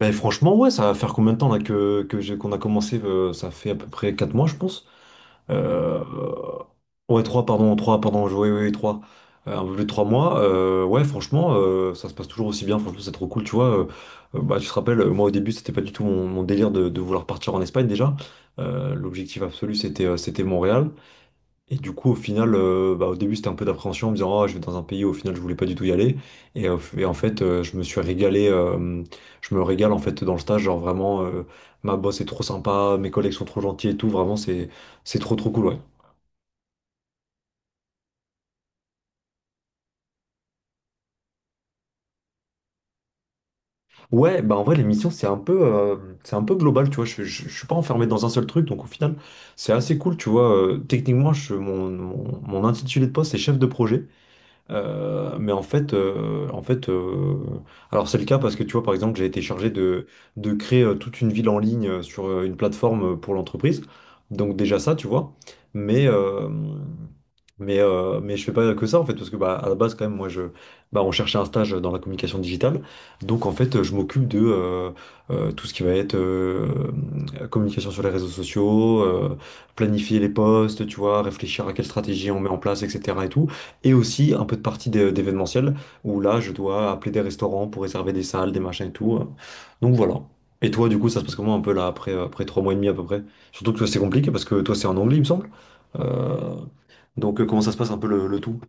Ben franchement, ouais, ça va faire combien de temps là que qu'on a commencé, ça fait à peu près 4 mois, je pense. Euh, Ouais, 3 pardon, oui, oui, 3. Un peu plus de 3 mois. Ouais, franchement, ça se passe toujours aussi bien. Franchement, c'est trop cool, tu vois. Bah, tu te rappelles, moi au début, c'était pas du tout mon délire de vouloir partir en Espagne déjà. L'objectif absolu, c'était Montréal. Et du coup, au final, au début, c'était un peu d'appréhension en me disant: Ah, je vais dans un pays où au final, je voulais pas du tout y aller. Et en fait, je me suis régalé. Je me régale en fait dans le stage. Genre vraiment, ma boss est trop sympa, mes collègues sont trop gentils et tout. Vraiment, c'est trop, trop cool, ouais. Ouais, bah en vrai, l'émission, c'est un peu global, tu vois. Je suis pas enfermé dans un seul truc, donc au final, c'est assez cool, tu vois. Techniquement, mon intitulé de poste, c'est chef de projet. Mais en fait Alors c'est le cas parce que tu vois, par exemple, j'ai été chargé de créer, toute une ville en ligne, sur une plateforme, pour l'entreprise. Donc déjà ça, tu vois. Mais, euh, mais je fais pas que ça, en fait, parce que bah, à la base, quand même, moi, bah, on cherchait un stage dans la communication digitale. Donc en fait, je m'occupe de, tout ce qui va être, communication sur les réseaux sociaux, planifier les posts, tu vois, réfléchir à quelle stratégie on met en place, etc. et tout. Et aussi un peu de partie d'événementiel, où là, je dois appeler des restaurants pour réserver des salles, des machins et tout. Donc voilà. Et toi, du coup, ça se passe comment un peu là, après 3 mois et demi à peu près? Surtout que toi, c'est compliqué parce que toi, c'est en anglais, il me semble. Euh, Comment ça se passe un peu le tout?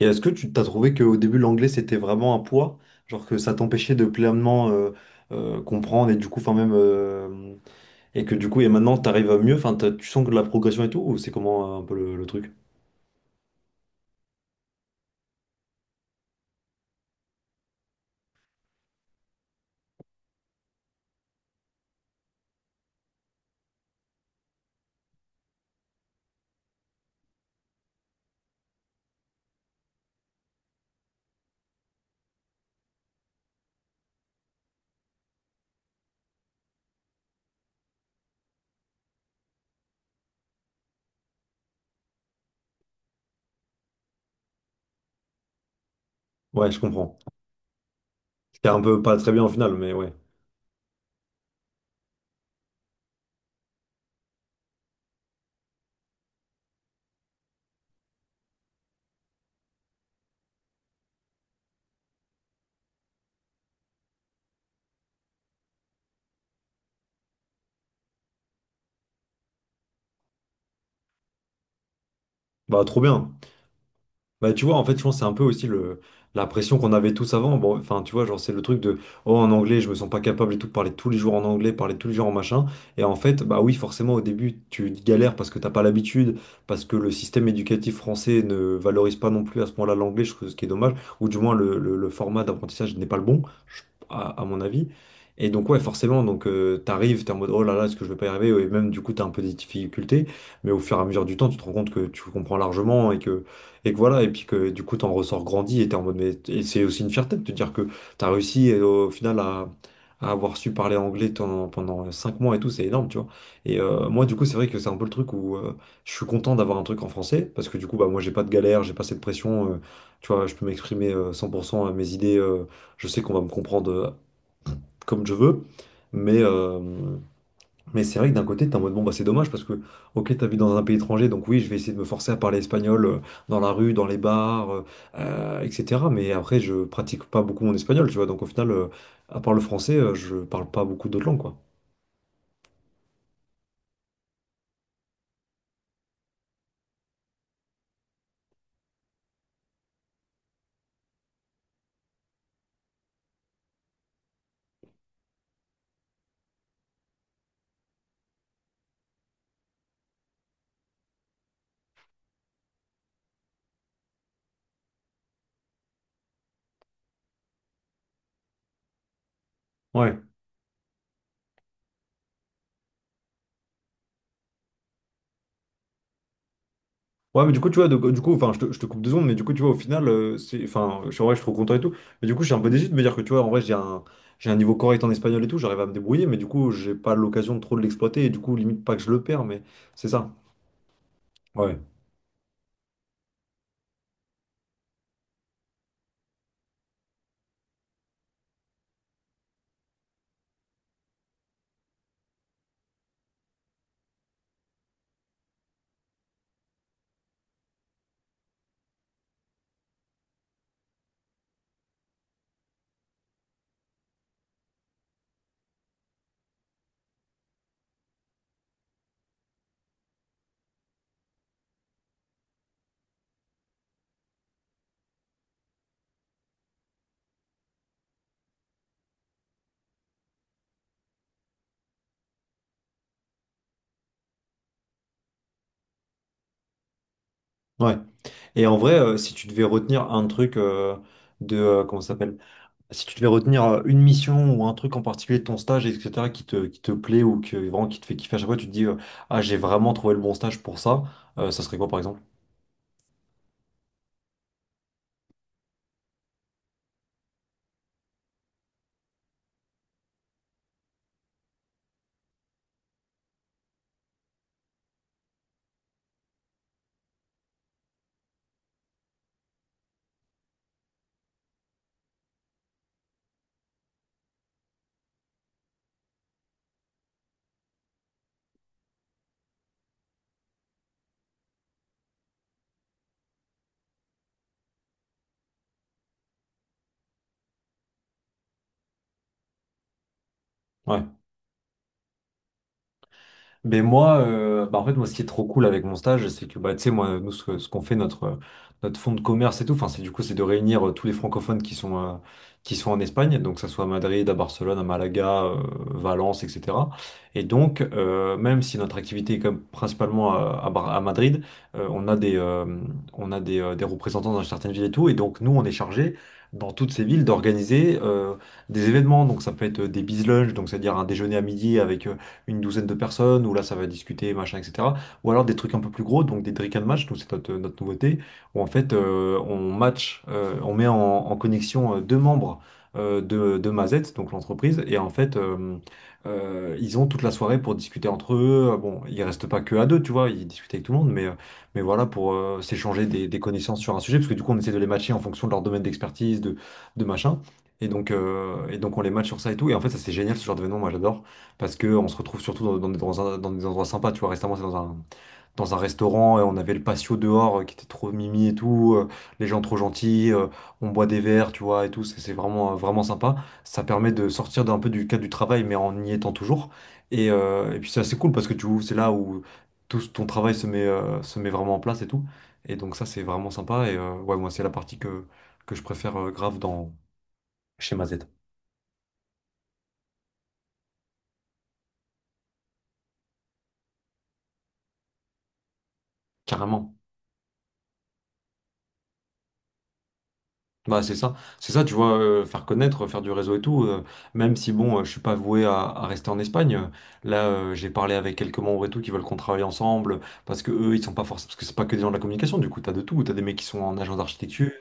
Et est-ce que tu t'as trouvé qu'au début, l'anglais, c'était vraiment un poids? Genre que ça t'empêchait de pleinement, comprendre et du coup, enfin même... Et que du coup, et maintenant, t'arrives à mieux, enfin, tu sens que de la progression et tout, ou c'est comment, un peu le truc? Ouais, je comprends. C'était un peu pas très bien au final, mais ouais. Bah trop bien. Bah tu vois, en fait, je pense que c'est un peu aussi le la pression qu'on avait tous avant. Bon, enfin, tu vois, genre c'est le truc de: oh en anglais, je me sens pas capable et tout, parler tous les jours en anglais, parler tous les jours en machin. Et en fait, bah oui, forcément au début, tu galères parce que t'as pas l'habitude, parce que le système éducatif français ne valorise pas non plus à ce point-là l'anglais, je trouve, ce qui est dommage, ou du moins le format d'apprentissage n'est pas le bon, je- à mon avis. Et donc ouais, forcément, donc t'es en mode oh là là, est-ce que je vais pas y arriver? Et même du coup, t'as un peu des difficultés, mais au fur et à mesure du temps, tu te rends compte que tu comprends largement et que voilà, et puis que du coup, t'en ressors grandi et t'es en mode, mais et c'est aussi une fierté de te dire que t'as réussi, au final, à avoir su parler anglais pendant 5 mois et tout, c'est énorme, tu vois. Et moi, du coup, c'est vrai que c'est un peu le truc où je suis content d'avoir un truc en français parce que du coup, bah, moi, j'ai pas de galère, j'ai pas cette pression. Tu vois, je peux m'exprimer, 100% à mes idées. Je sais qu'on va me comprendre, comme je veux, mais. euh, mais c'est vrai que d'un côté, t'es en mode bon, bah c'est dommage parce que, ok, t'as vu dans un pays étranger, donc oui, je vais essayer de me forcer à parler espagnol, dans la rue, dans les bars, etc. Mais après, je pratique pas beaucoup mon espagnol, tu vois. Donc au final, à part le français, je parle pas beaucoup d'autres langues, quoi. Ouais. Ouais, mais du coup, tu vois, du coup, enfin, je te coupe 2 secondes, mais du coup, tu vois, au final, enfin, je suis en vrai, je suis trop content et tout. Mais du coup, je suis un peu déçu de me dire que, tu vois, en vrai, j'ai un niveau correct en espagnol et tout, j'arrive à me débrouiller, mais du coup, j'ai pas l'occasion de trop de l'exploiter et du coup, limite pas que je le perds, mais c'est ça. Ouais. Ouais. Et en vrai, si tu devais retenir un truc, comment ça s'appelle? Si tu devais retenir, une mission ou un truc en particulier de ton stage, etc., qui te plaît ou que, vraiment, qui te fait kiffer à chaque fois, tu te dis, ah, j'ai vraiment trouvé le bon stage pour ça, ça serait quoi par exemple? Ouais. Mais moi, bah en fait, moi, ce qui est trop cool avec mon stage, c'est que, bah, tu sais, moi, nous, ce qu'on fait, notre fonds de commerce et tout, enfin, c'est du coup, c'est de réunir, tous les francophones qui sont en Espagne, donc, que ça soit à Madrid, à Barcelone, à Malaga, Valence, etc. Et donc, même si notre activité est quand même principalement à Madrid, euh, on a des, euh, on a des représentants dans certaines villes et tout, et donc, nous, on est chargé, dans toutes ces villes, d'organiser, des événements. Donc ça peut être, des business lunch, donc c'est-à-dire un déjeuner à midi avec, une douzaine de personnes, où là ça va discuter, machin, etc. Ou alors des trucs un peu plus gros, donc des Drick and Match, donc c'est notre nouveauté, où en fait, on met en, connexion, deux membres, de Mazette, donc l'entreprise, et en fait, ils ont toute la soirée pour discuter entre eux. Bon, ils restent pas que à deux, tu vois, ils discutent avec tout le monde, mais voilà, pour, s'échanger des connaissances sur un sujet, parce que du coup on essaie de les matcher en fonction de leur domaine d'expertise, de machin. Et donc, on les match sur ça et tout. Et en fait, ça c'est génial ce genre d'événement, moi j'adore. Parce que on se retrouve surtout dans des endroits sympas, tu vois. Récemment, c'est dans un restaurant et on avait le patio dehors, qui était trop mimi et tout. Les gens trop gentils, on boit des verres, tu vois, et tout. C'est vraiment, vraiment sympa. Ça permet de sortir d'un peu du cadre du travail, mais en y étant toujours. Et puis, c'est assez cool parce que tu vois, c'est là où tout ton travail se met vraiment en place et tout. Et donc, ça, c'est vraiment sympa. Ouais, moi, c'est la partie que je préfère, grave dans chez Mazette. Carrément. Bah c'est ça, tu vois, faire connaître, faire du réseau et tout, même si bon, je suis pas voué à rester en Espagne, là j'ai parlé avec quelques membres et tout qui veulent qu'on travaille ensemble, parce que eux ils sont pas forcément, parce que c'est pas que des gens de la communication, du coup t'as de tout, t'as des mecs qui sont en agence d'architecture,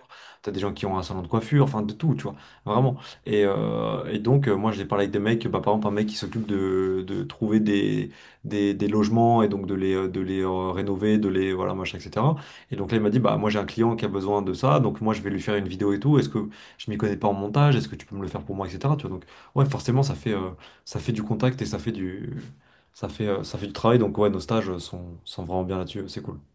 t'as des gens qui ont un salon de coiffure, enfin de tout, tu vois, vraiment. Et donc moi j'ai parlé avec des mecs, bah par exemple un mec qui s'occupe de trouver des logements et donc de les rénover, de les, voilà, machin, etc. Et donc là, il m'a dit, bah moi j'ai un client qui a besoin de ça, donc moi je vais lui faire une vidéo et tout. Est-ce que je m'y connais pas en montage? Est-ce que tu peux me le faire pour moi, etc. Tu vois, donc ouais, forcément, ça fait du contact et ça fait du travail. Donc ouais, nos stages sont vraiment bien là-dessus, c'est cool.